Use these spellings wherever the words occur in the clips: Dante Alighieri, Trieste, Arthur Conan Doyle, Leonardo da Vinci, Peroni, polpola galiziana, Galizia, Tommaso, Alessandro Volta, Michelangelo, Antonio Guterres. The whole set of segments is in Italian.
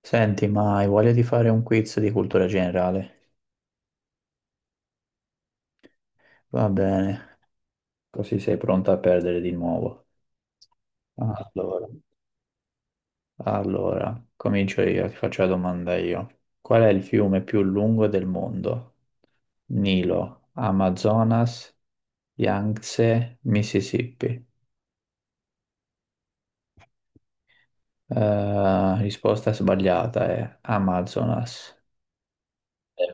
Senti, ma hai voglia di fare un quiz di cultura generale? Va bene, così sei pronta a perdere di nuovo. Allora, allora, comincio io, ti faccio la domanda io. Qual è il fiume più lungo del mondo? Nilo, Amazonas, Yangtze, Mississippi. Risposta sbagliata, è Amazonas,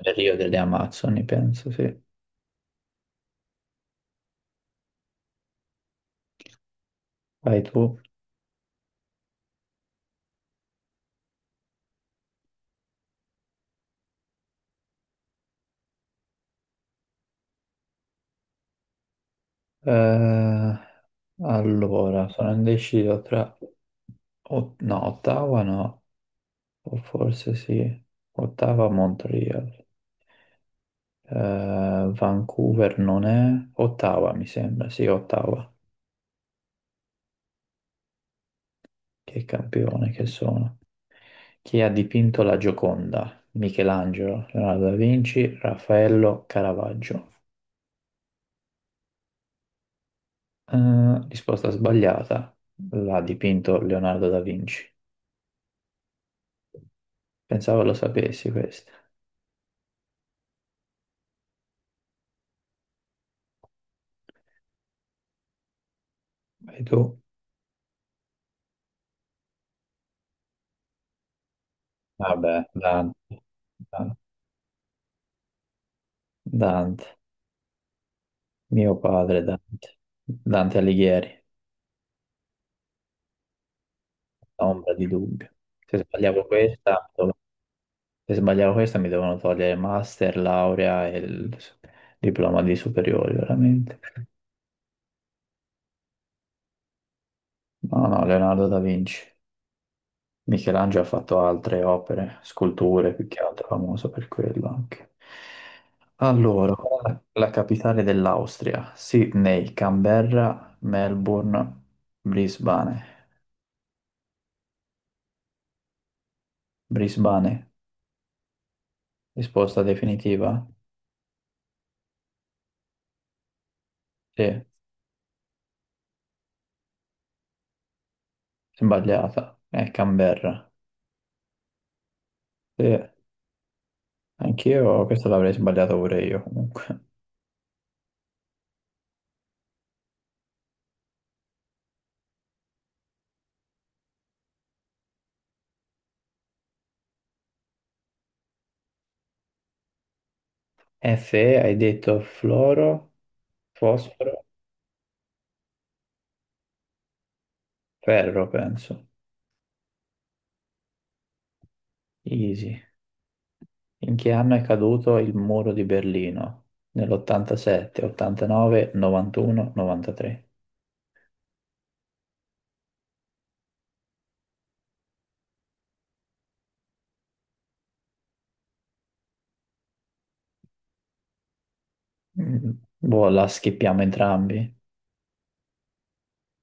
nel Rio delle Amazzoni, penso, sì. Vai tu. Eh, allora, sono indeciso tra... No, Ottawa no, o forse sì. Ottawa, o Montreal. Vancouver non è... Ottawa mi sembra, sì, Ottawa. Che campione che sono. Chi ha dipinto la Gioconda? Michelangelo, Leonardo da Vinci, Raffaello, Caravaggio. Risposta sbagliata. L'ha dipinto Leonardo da Vinci. Pensavo lo sapessi questo. Vai tu. Vabbè, Dante, Dan- Dante, mio padre Dante, Dante Alighieri, ombra di dubbio. Se sbagliavo questa, se sbagliavo questa, mi devono togliere master, laurea e il diploma di superiori, veramente. No, no, Leonardo da Vinci. Michelangelo ha fatto altre opere, sculture, più che altro, famoso per quello anche. Allora, qual è la la capitale dell'Austria? Sydney, Canberra, Melbourne, Brisbane. Brisbane, risposta definitiva? Sì, sbagliata. È Canberra. Sì, anch'io questo l'avrei sbagliato pure io comunque. Fe, hai detto fluoro, fosforo, ferro, penso. Easy. In che anno è caduto il muro di Berlino? Nell'87, 89, 91, 93. Mm, Boh, la schippiamo entrambi?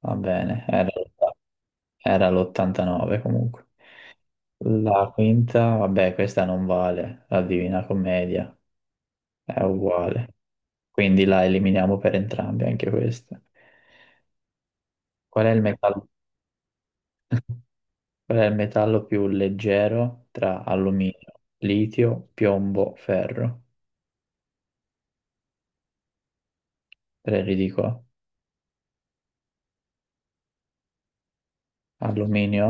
Va bene, era l'89 comunque. La quinta, vabbè, questa non vale, la Divina Commedia è uguale, quindi la eliminiamo per entrambi anche questa. Qual è il metallo, qual è il metallo più leggero tra alluminio, litio, piombo, ferro? Tre li dico. Alluminio?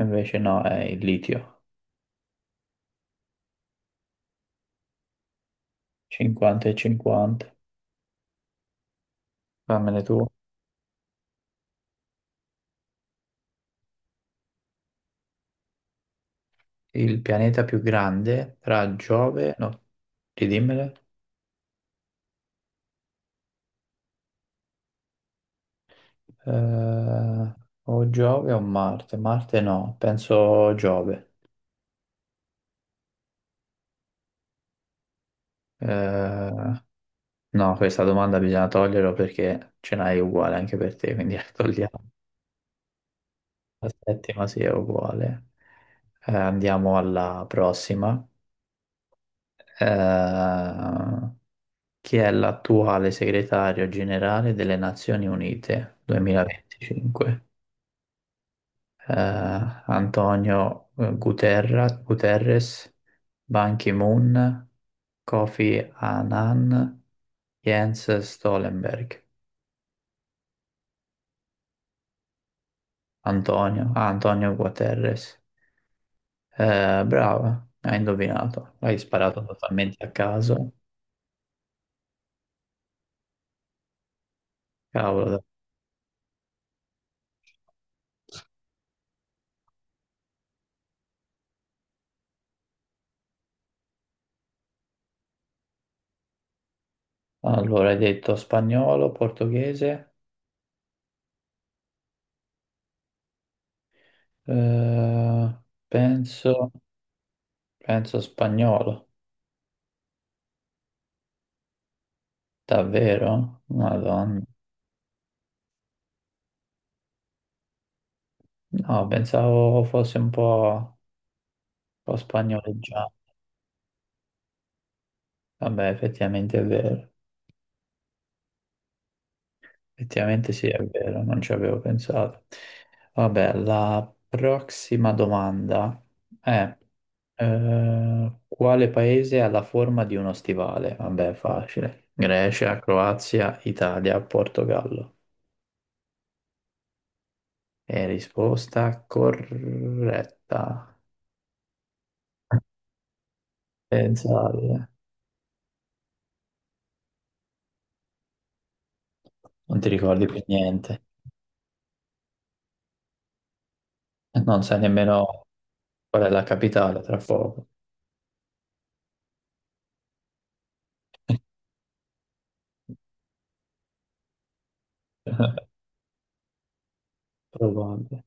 Invece no, è il litio. 50 e 50. Fammene tu. Il pianeta più grande tra Giove, no, ridimmele. Eh, o Giove o Marte? Marte no, penso Giove. Eh, no, questa domanda bisogna toglierla perché ce n'hai uguale anche per te, quindi la togliamo. La settima sì è uguale. Andiamo alla prossima. Eh, Chi è l'attuale segretario generale delle Nazioni Unite 2025? Antonio Guterra, Guterres, Ban Ki-moon, Kofi Annan, Jens Stoltenberg. Antonio Guterres. Brava, hai indovinato, l'hai sparato totalmente a caso. Cavolo. Allora, hai detto spagnolo, portoghese, eh, penso, penso spagnolo, davvero? Madonna. No, pensavo fosse un po' spagnoleggiato. Vabbè, effettivamente è vero. Effettivamente sì, è vero, non ci avevo pensato. Vabbè, la prossima domanda è quale paese ha la forma di uno stivale? Vabbè, facile. Grecia, Croazia, Italia, Portogallo. E risposta corretta. Pensate, eh. Non ti ricordi più niente. Non sai nemmeno qual è la capitale tra poco. Probabile.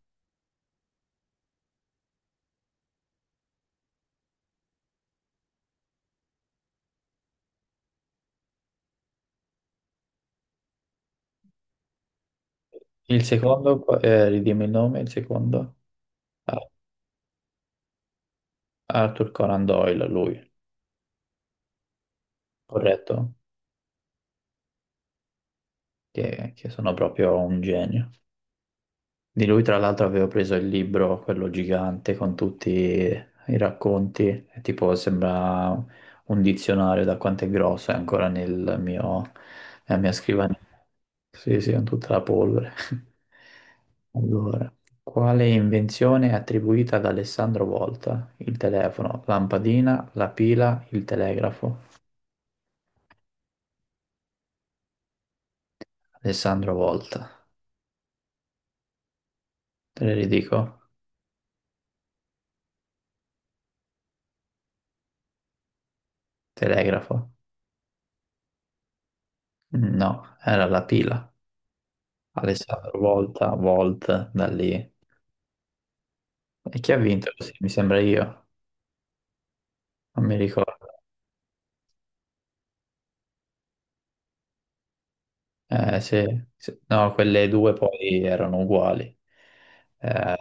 Il secondo, ridimmi il nome, il secondo. Ah, Arthur Conan Doyle, lui, corretto? Che sono proprio un genio. Di lui, tra l'altro, avevo preso il libro, quello gigante, con tutti i racconti, e tipo sembra un dizionario da quanto è grosso, è ancora nel mio, nella mia scrivania. Sì, sì, con tutta la polvere. Allora, quale invenzione è attribuita ad Alessandro Volta? Il telefono, lampadina, la pila, il telegrafo. Alessandro Volta. Te le ridico? Telegrafo? No, era la pila. Alessandro Volta, Volt, da lì. E chi ha vinto? Sì, mi sembra io, non mi ricordo. Sì, sì. No, quelle due poi erano uguali. Eh,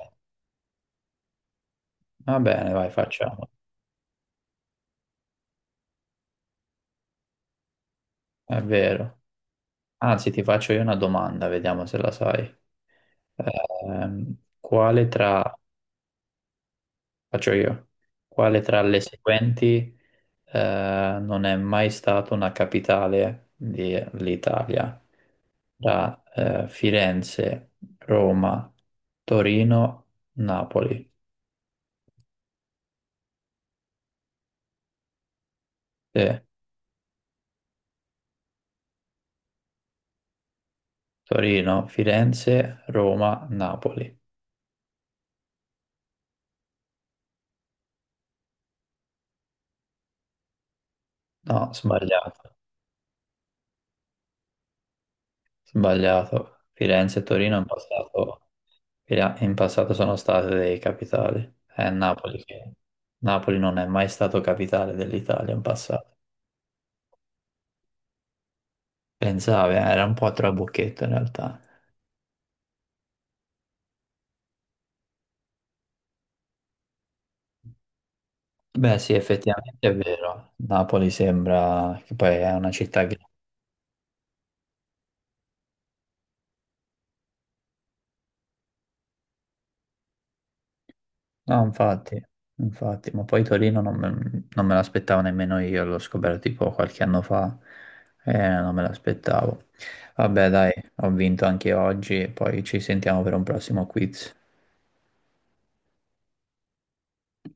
Va bene, vai, facciamo. È vero. Anzi, ti faccio io una domanda, vediamo se la sai. Quale tra, faccio io, quale tra le seguenti non è mai stata una capitale dell'Italia? Tra Firenze, Roma, Torino, Napoli. Sì, Torino, Firenze, Roma, Napoli. No, sbagliato, sbagliato. Firenze e Torino è passato. Via, in passato sono state dei capitali. È Napoli che... Napoli non è mai stato capitale dell'Italia in passato. Pensavi, era un po' a trabocchetto in realtà. Beh, sì, effettivamente è vero. Napoli sembra che poi è una città grande. No, infatti, ma poi Torino non me l'aspettavo nemmeno io, l'ho scoperto tipo qualche anno fa e non me l'aspettavo. Vabbè, dai, ho vinto anche oggi, poi ci sentiamo per un prossimo quiz.